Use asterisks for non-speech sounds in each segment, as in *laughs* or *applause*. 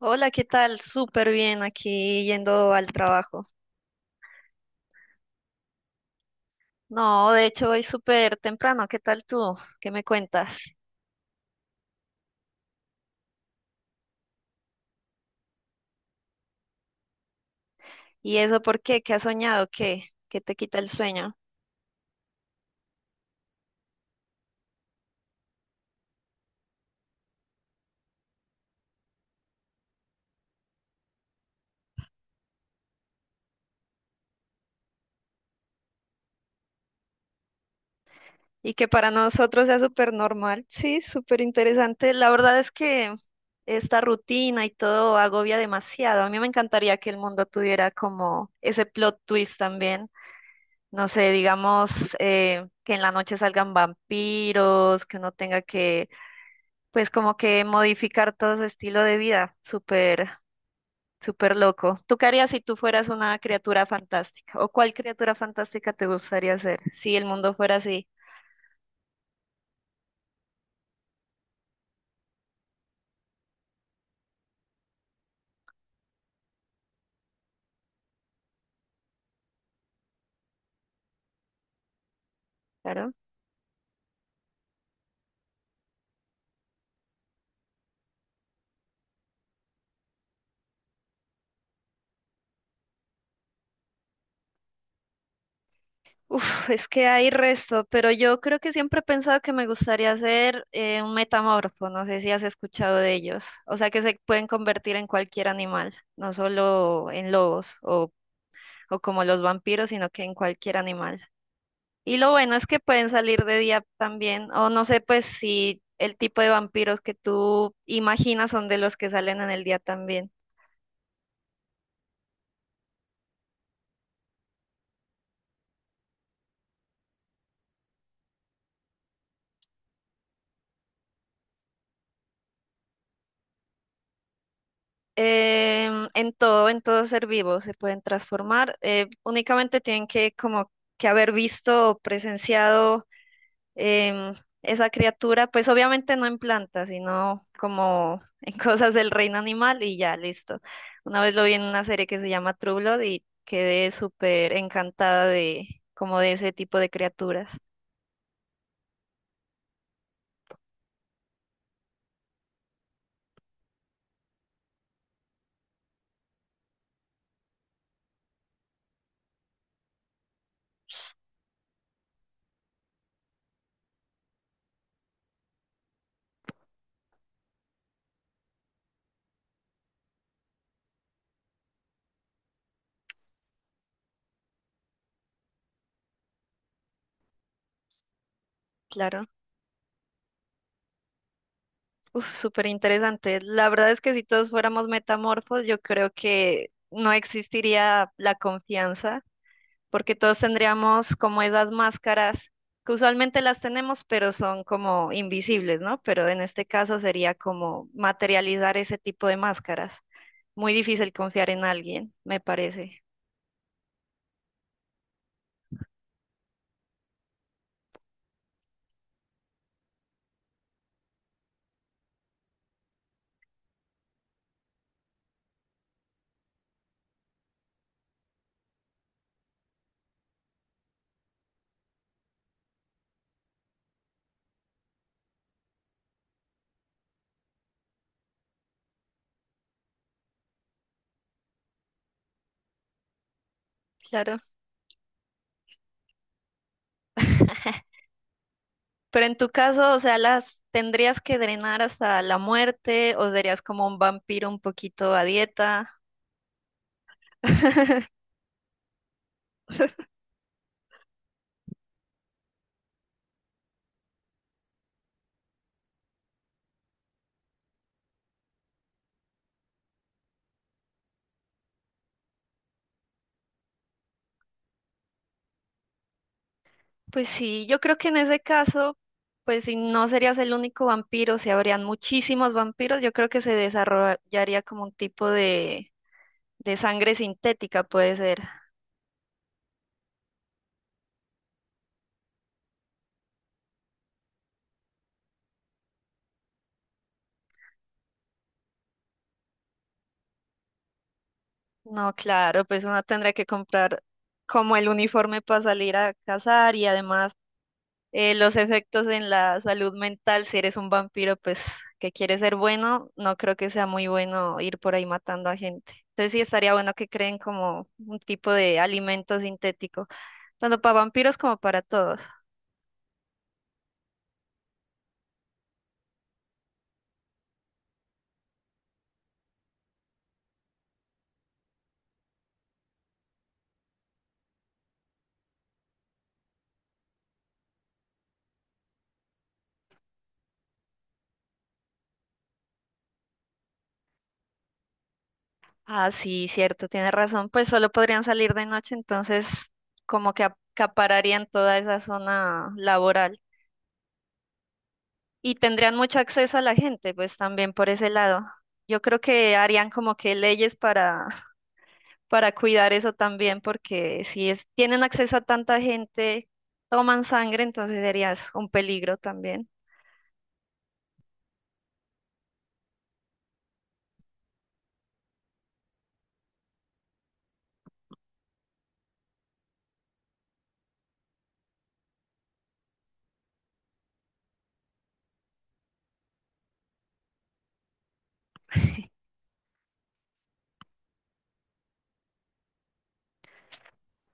Hola, ¿qué tal? Súper bien aquí yendo al trabajo. No, de hecho hoy súper temprano. ¿Qué tal tú? ¿Qué me cuentas? ¿Y eso por qué? ¿Qué has soñado? ¿Qué? ¿Qué te quita el sueño? Y que para nosotros sea súper normal. Sí, súper interesante. La verdad es que esta rutina y todo agobia demasiado. A mí me encantaría que el mundo tuviera como ese plot twist también. No sé, digamos que en la noche salgan vampiros, que uno tenga que pues como que modificar todo su estilo de vida, súper, súper loco. ¿Tú qué harías si tú fueras una criatura fantástica? ¿O cuál criatura fantástica te gustaría ser si el mundo fuera así? Claro. Uf, es que hay resto, pero yo creo que siempre he pensado que me gustaría ser un metamorfo, no sé si has escuchado de ellos, o sea que se pueden convertir en cualquier animal, no solo en lobos o como los vampiros, sino que en cualquier animal. Y lo bueno es que pueden salir de día también, o no sé, pues si el tipo de vampiros que tú imaginas son de los que salen en el día también. En todo, en todo ser vivo se pueden transformar. Únicamente tienen que como que haber visto o presenciado em, esa criatura, pues obviamente no en plantas, sino como *laughs* en cosas del reino animal y ya, listo. Una vez lo vi en una serie que se llama True Blood y quedé súper encantada de como de ese tipo de criaturas, claro. Uf, súper interesante. La verdad es que si todos fuéramos metamorfos, yo creo que no existiría la confianza porque todos tendríamos como esas máscaras que usualmente las tenemos, pero son como invisibles, ¿no? Pero en este caso sería como materializar ese tipo de máscaras. Muy difícil confiar en alguien, me parece. Claro. *laughs* Pero en tu caso, o sea, las tendrías que drenar hasta la muerte o serías como un vampiro un poquito a dieta. *laughs* Pues sí, yo creo que en ese caso, pues si no serías el único vampiro, si habrían muchísimos vampiros, yo creo que se desarrollaría como un tipo de sangre sintética, puede ser. No, claro, pues uno tendría que comprar como el uniforme para salir a cazar y además los efectos en la salud mental, si eres un vampiro, pues que quieres ser bueno, no creo que sea muy bueno ir por ahí matando a gente. Entonces sí estaría bueno que creen como un tipo de alimento sintético, tanto para vampiros como para todos. Ah, sí, cierto, tienes razón, pues solo podrían salir de noche, entonces como que acapararían toda esa zona laboral y tendrían mucho acceso a la gente, pues también por ese lado. Yo creo que harían como que leyes para cuidar eso también, porque si es, tienen acceso a tanta gente, toman sangre, entonces serías un peligro también.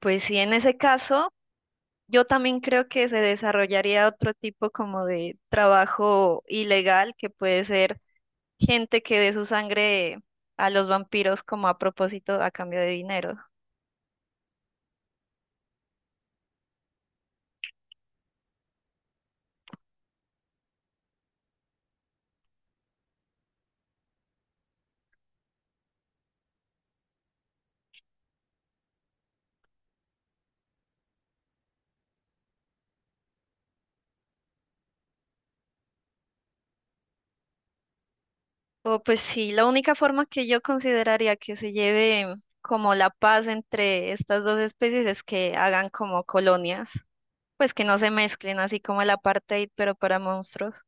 Pues sí, en ese caso, yo también creo que se desarrollaría otro tipo como de trabajo ilegal, que puede ser gente que dé su sangre a los vampiros como a propósito a cambio de dinero. O pues sí, la única forma que yo consideraría que se lleve como la paz entre estas dos especies es que hagan como colonias. Pues que no se mezclen así como el apartheid, pero para monstruos.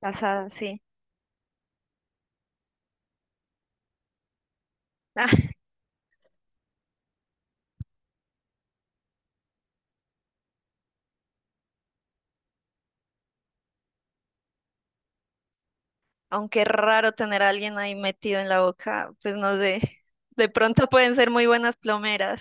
Las hadas, sí. Ah, aunque es raro tener a alguien ahí metido en la boca, pues no sé. De pronto pueden ser muy buenas plomeras.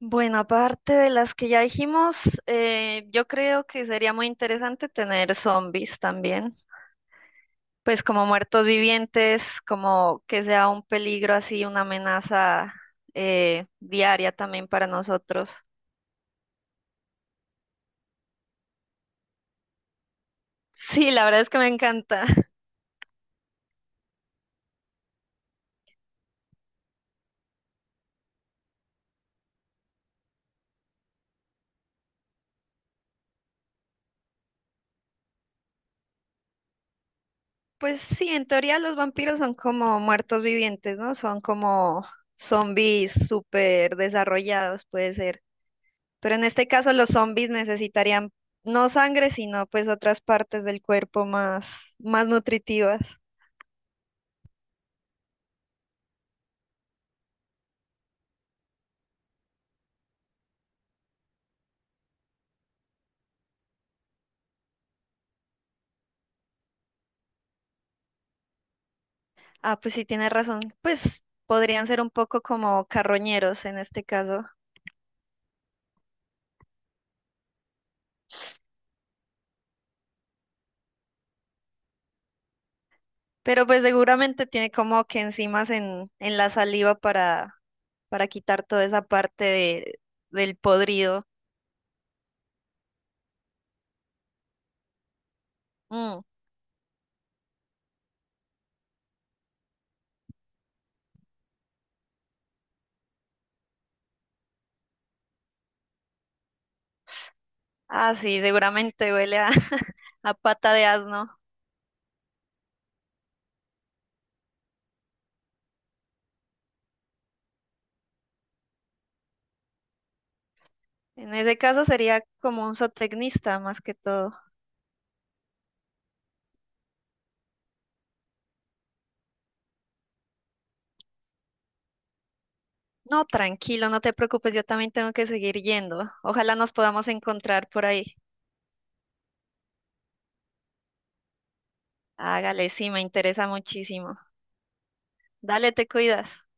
Bueno, aparte de las que ya dijimos, yo creo que sería muy interesante tener zombies también, pues como muertos vivientes, como que sea un peligro así, una amenaza diaria también para nosotros. Sí, la verdad es que me encanta. Pues sí, en teoría los vampiros son como muertos vivientes, ¿no? Son como zombies súper desarrollados, puede ser. Pero en este caso los zombies necesitarían no sangre, sino pues otras partes del cuerpo más, más nutritivas. Ah, pues sí, tienes razón. Pues podrían ser un poco como carroñeros en este caso. Pero pues seguramente tiene como que enzimas en la saliva para quitar toda esa parte de- del podrido. Mm. Ah, sí, seguramente huele a, *laughs* a pata de asno. En ese caso sería como un zootecnista más que todo. No, tranquilo, no te preocupes, yo también tengo que seguir yendo. Ojalá nos podamos encontrar por ahí. Hágale, sí, me interesa muchísimo. Dale, te cuidas.